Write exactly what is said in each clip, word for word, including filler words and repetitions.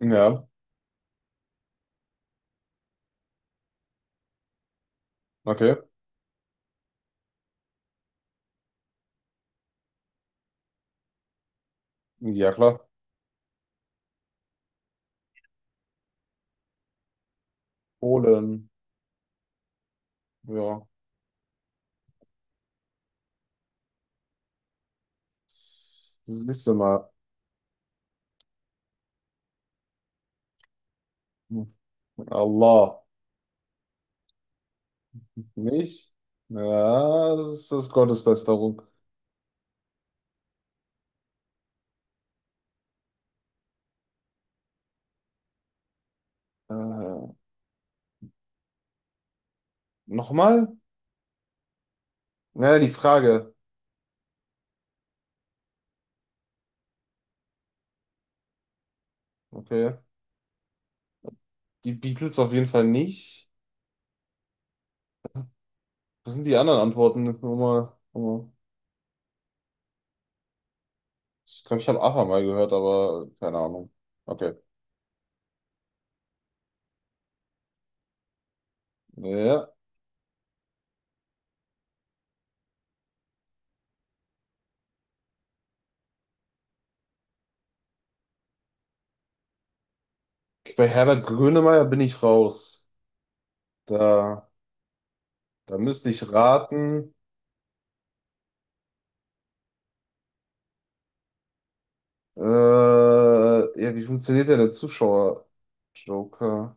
Ja, okay. Ja, klar. Polen. Ja. Siehst du mal. Allah. Nicht? Ja, das ist Gotteslästerung. Äh, nochmal? Naja, die Frage. Okay. Die Beatles auf jeden Fall nicht. Was sind die anderen Antworten? Nur mal, nur mal. Ich glaube, ich habe ABBA mal gehört, aber keine Ahnung. Okay. Ja. Bei Herbert Grönemeyer bin ich raus. Da, da müsste ich raten. Äh, ja, wie funktioniert denn der Zuschauer? Joker.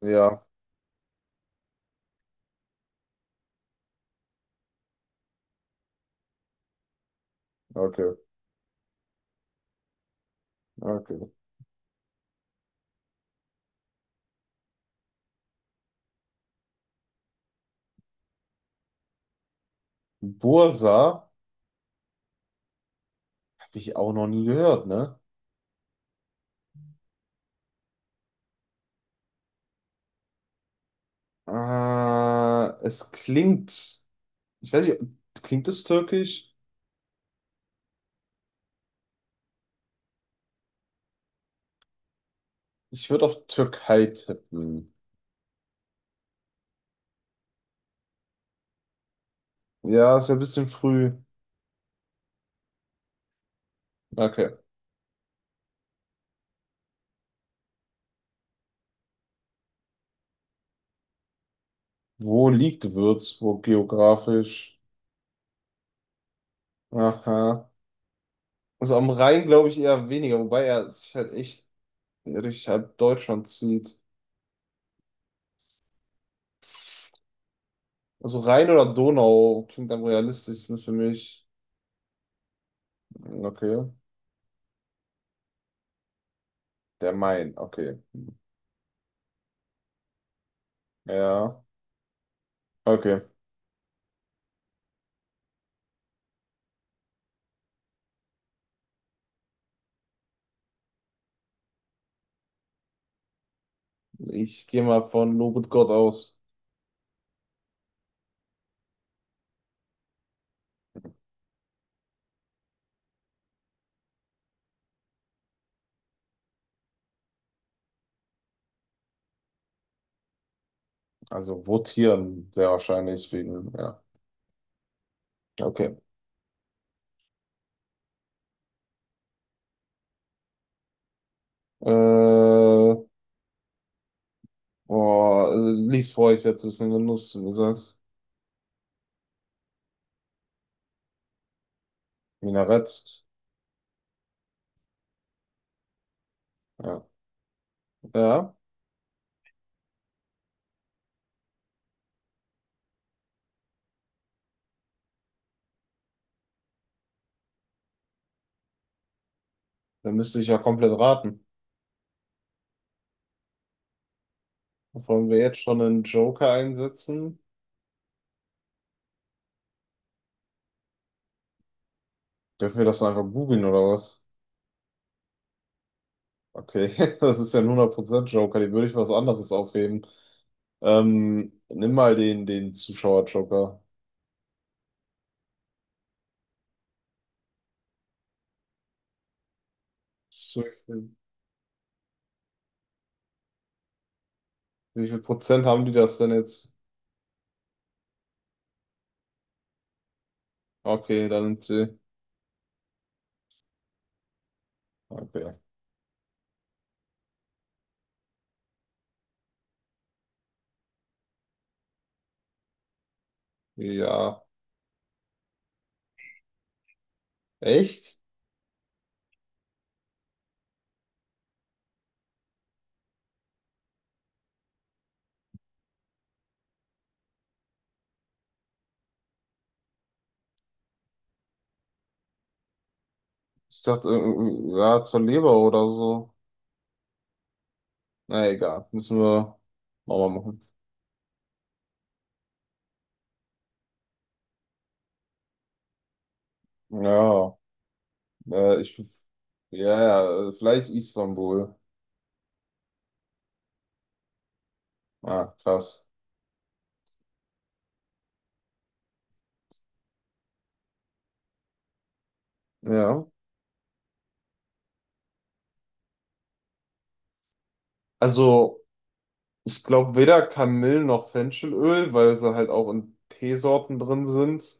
Ja, okay, okay. Bursa habe ich auch noch nie gehört, ne? Äh, es klingt, ich weiß nicht, klingt es türkisch? Ich würde auf Türkei tippen. Ja, ist ja ein bisschen früh. Okay. Wo liegt Würzburg geografisch? Aha. Also am Rhein glaube ich eher weniger, wobei er sich halt echt durch halb Deutschland zieht. Also Rhein oder Donau klingt am realistischsten für mich. Hm, okay. Der Main, okay. Ja, okay. Ich gehe mal von Lobet Gott aus. Also votieren, sehr wahrscheinlich wegen, ja. Okay. Äh, boah, also lies vor, ich werde es ein bisschen genutzt, wenn du sagst. Minarett. Ja. Ja, dann müsste ich ja komplett raten. Wollen wir jetzt schon einen Joker einsetzen? Dürfen wir das einfach googeln oder was? Okay, das ist ja ein hundert Prozent Joker, die würde ich was anderes aufheben. Ähm, nimm mal den, den Zuschauer-Joker. So, Wie viel, wie viel Prozent haben die das denn jetzt? Okay, dann nimmt sie. Okay. Ja. Echt? Ich dachte, äh, ja, zur Leber oder so. Na egal, müssen wir nochmal machen. Ja, äh, ich, ja, ja, äh, vielleicht Istanbul. Ah, krass. Ja. Also, ich glaube weder Kamillen noch Fenchelöl, weil sie halt auch in Teesorten drin sind,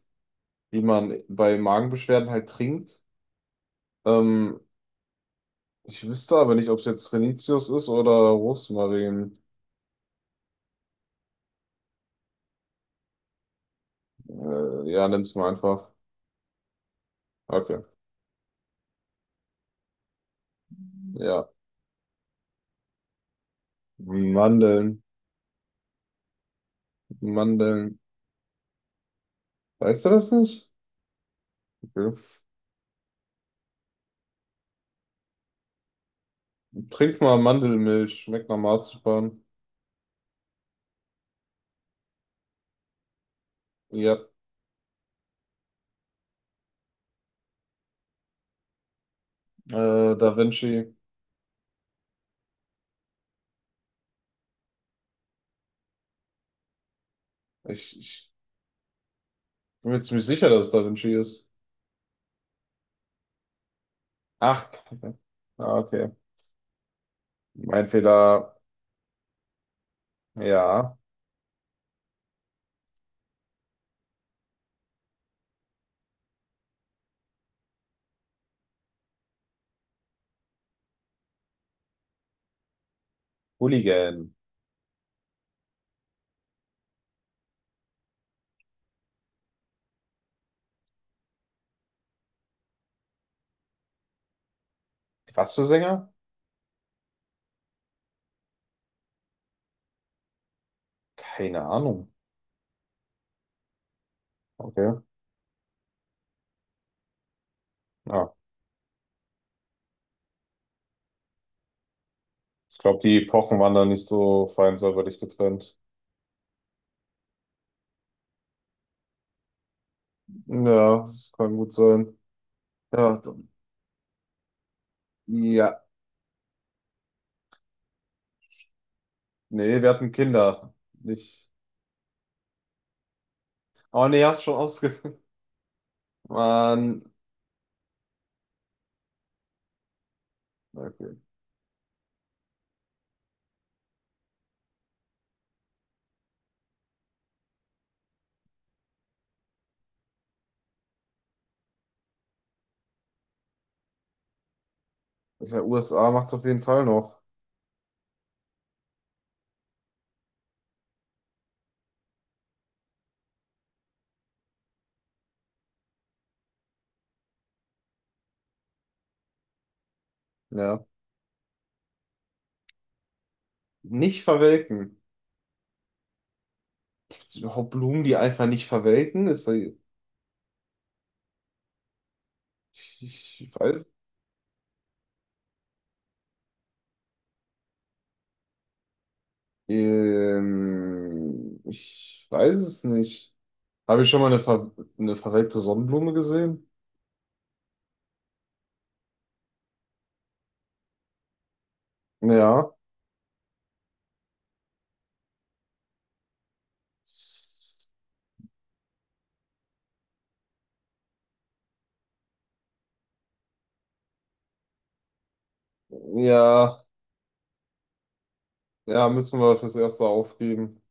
die man bei Magenbeschwerden halt trinkt. Ähm, ich wüsste aber nicht, ob es jetzt Renitius ist oder Rosmarin. Äh, ja, nimm's mal einfach. Okay. Ja. Mandeln. Mandeln. Weißt du das nicht? Okay. Trink mal Mandelmilch. Schmeckt nach Marzipan. Ja. Äh, Da Vinci. Ich, ich bin mir ziemlich sicher, dass es Da Vinci ist. Ach, ah, okay. Mein Fehler. Ja. Hooligan. Was für Sänger? Keine Ahnung. Okay. Ah. Ich glaube, die Epochen waren da nicht so fein säuberlich getrennt. Ja, das kann gut sein. Ja, dann, ja. Nee, wir hatten Kinder. Nicht. Aber nee, hast schon ausge. Mann. Okay. Ja, U S A macht's auf jeden Fall noch. Ja. Nicht verwelken. Gibt's überhaupt Blumen, die einfach nicht verwelken? Ist da, ich, ich weiß. Ähm, ich weiß es nicht. Habe ich schon mal eine, ver eine verwelkte Sonnenblume gesehen? Ja. Ja. Ja, müssen wir fürs Erste aufgeben.